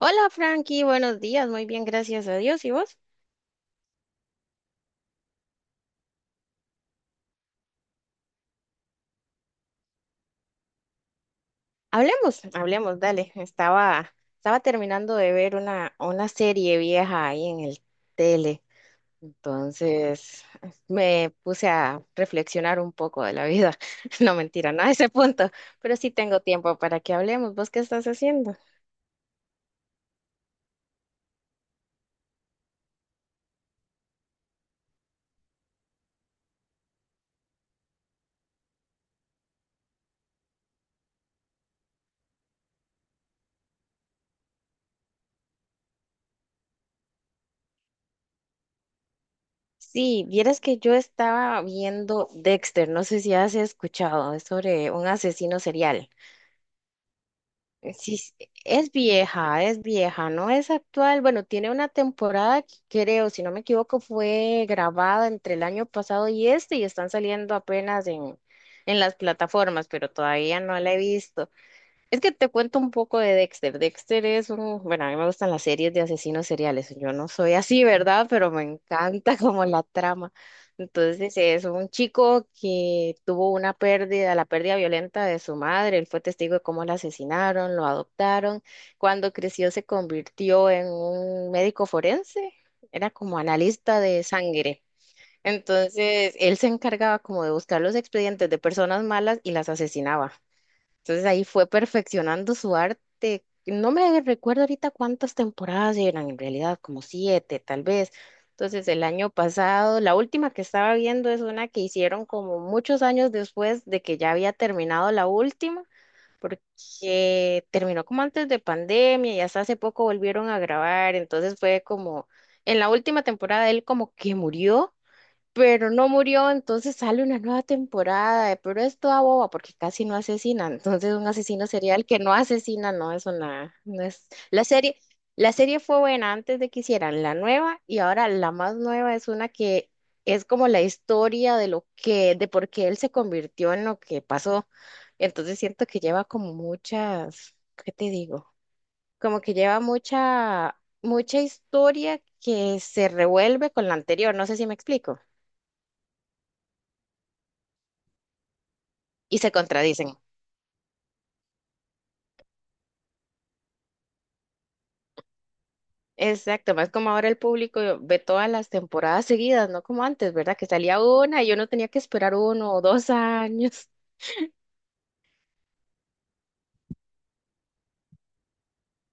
Hola Frankie, buenos días, muy bien, gracias a Dios. ¿Y vos? Hablemos, hablemos, dale. Estaba terminando de ver una serie vieja ahí en el tele, entonces me puse a reflexionar un poco de la vida. No mentira, no a ese punto, pero sí tengo tiempo para que hablemos. ¿Vos qué estás haciendo? Sí, vieras que yo estaba viendo Dexter, no sé si has escuchado, es sobre un asesino serial. Es vieja, es vieja, no es actual. Bueno, tiene una temporada que creo, si no me equivoco, fue grabada entre el año pasado y este y están saliendo apenas en las plataformas, pero todavía no la he visto. Es que te cuento un poco de Dexter. Dexter es un, bueno, a mí me gustan las series de asesinos seriales. Yo no soy así, ¿verdad? Pero me encanta como la trama. Entonces es un chico que tuvo una pérdida, la pérdida violenta de su madre. Él fue testigo de cómo la asesinaron, lo adoptaron. Cuando creció se convirtió en un médico forense. Era como analista de sangre. Entonces él se encargaba como de buscar los expedientes de personas malas y las asesinaba. Entonces ahí fue perfeccionando su arte. No me recuerdo ahorita cuántas temporadas eran, en realidad como siete, tal vez. Entonces el año pasado, la última que estaba viendo es una que hicieron como muchos años después de que ya había terminado la última, porque terminó como antes de pandemia y hasta hace poco volvieron a grabar. Entonces fue como, en la última temporada él como que murió, pero no murió, entonces sale una nueva temporada, pero es toda boba porque casi no asesina, entonces un asesino serial que no asesina no es una, no es la serie fue buena antes de que hicieran la nueva y ahora la más nueva es una que es como la historia de lo que, de por qué él se convirtió en lo que pasó, entonces siento que lleva como muchas, ¿qué te digo? Como que lleva mucha, mucha historia que se revuelve con la anterior, no sé si me explico. Y se contradicen. Exacto, más como ahora el público ve todas las temporadas seguidas, no como antes, ¿verdad? Que salía una y yo no tenía que esperar uno o dos años.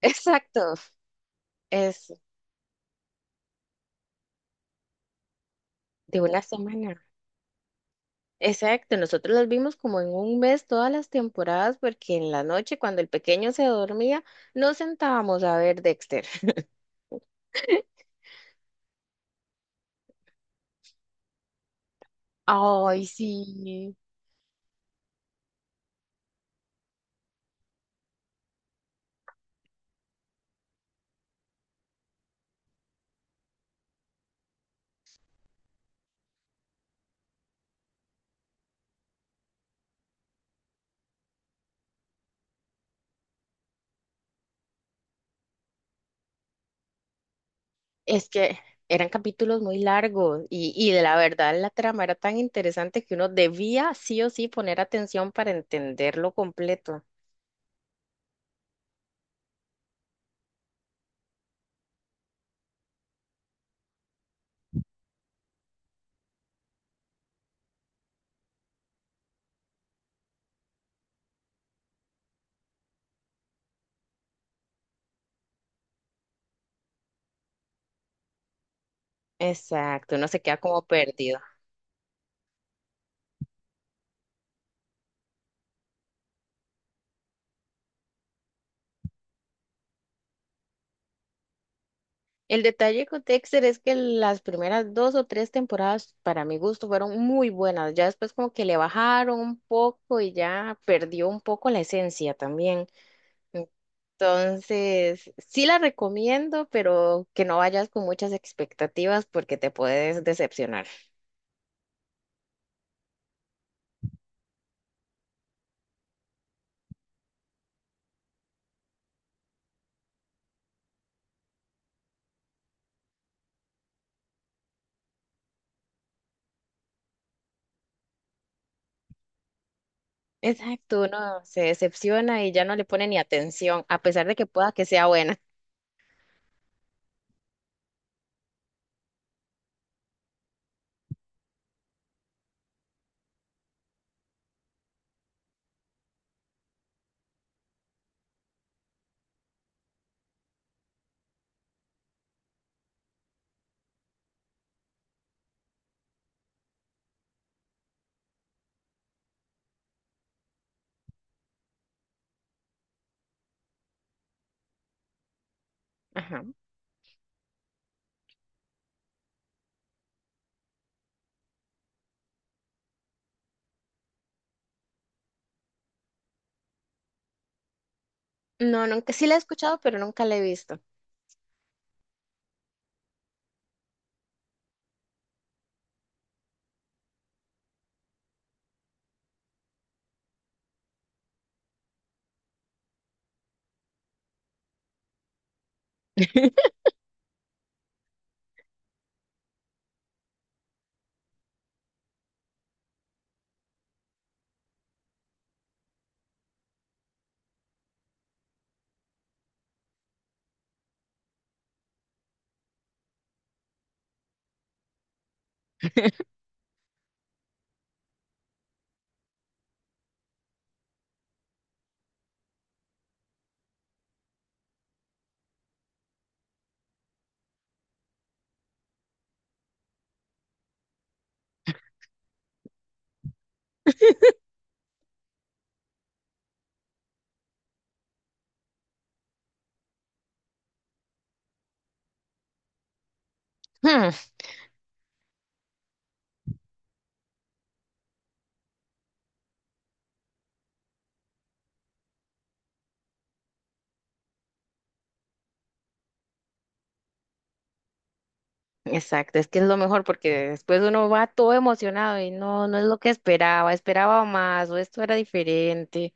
Exacto, es de una semana. Exacto, nosotros las vimos como en un mes todas las temporadas porque en la noche cuando el pequeño se dormía nos sentábamos a ver Dexter. Ay, sí. Es que eran capítulos muy largos y de la verdad la trama era tan interesante que uno debía sí o sí poner atención para entenderlo completo. Exacto, uno se queda como perdido. El detalle con Dexter es que las primeras dos o tres temporadas, para mi gusto, fueron muy buenas. Ya después como que le bajaron un poco y ya perdió un poco la esencia también. Entonces, sí la recomiendo, pero que no vayas con muchas expectativas porque te puedes decepcionar. Exacto, uno se decepciona y ya no le pone ni atención, a pesar de que pueda que sea buena. Ajá. No, nunca, sí la he escuchado, pero nunca la he visto. Hmm. Exacto, es que es lo mejor porque después uno va todo emocionado y no, no es lo que esperaba, esperaba más o esto era diferente.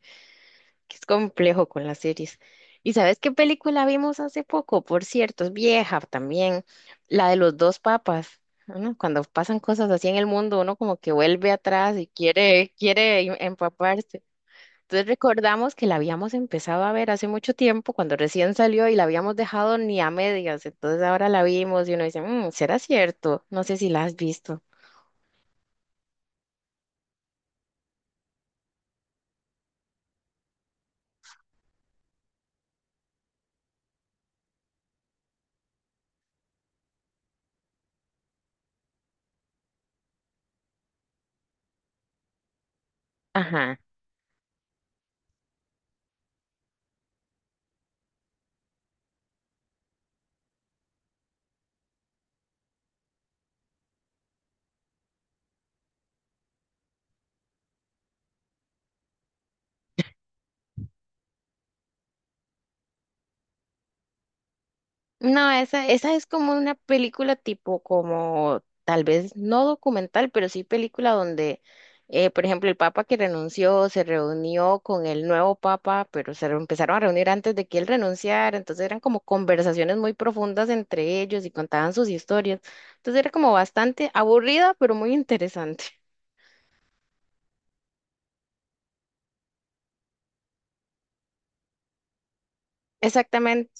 Que es complejo con las series. ¿Y sabes qué película vimos hace poco? Por cierto, es vieja también, la de los dos papas. ¿No? Cuando pasan cosas así en el mundo, uno como que vuelve atrás y quiere, empaparse. Entonces recordamos que la habíamos empezado a ver hace mucho tiempo, cuando recién salió y la habíamos dejado ni a medias. Entonces ahora la vimos y uno dice, "Mm, ¿será cierto?" No sé si la has visto. Ajá. No, esa es como una película tipo como tal vez no documental, pero sí película donde, por ejemplo, el papa que renunció se reunió con el nuevo papa, pero empezaron a reunir antes de que él renunciara, entonces eran como conversaciones muy profundas entre ellos y contaban sus historias. Entonces era como bastante aburrida, pero muy interesante. Exactamente.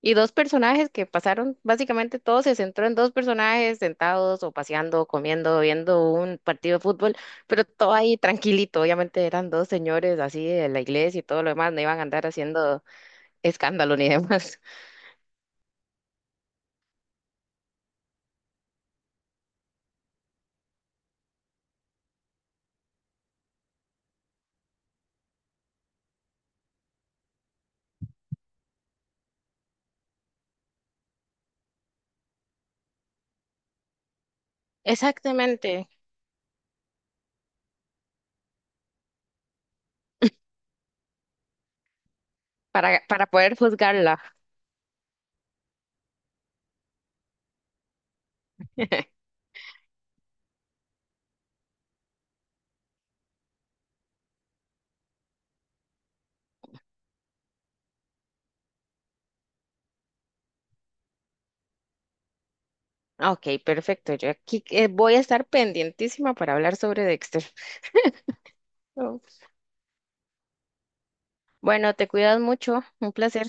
Y dos personajes que pasaron, básicamente todo se centró en dos personajes sentados o paseando, comiendo, viendo un partido de fútbol, pero todo ahí tranquilito. Obviamente eran dos señores así de la iglesia y todo lo demás, no iban a andar haciendo escándalo ni demás. Exactamente, para poder juzgarla. Ok, perfecto. Yo aquí voy a estar pendientísima para hablar sobre Dexter. Oh. Bueno, te cuidas mucho, un placer.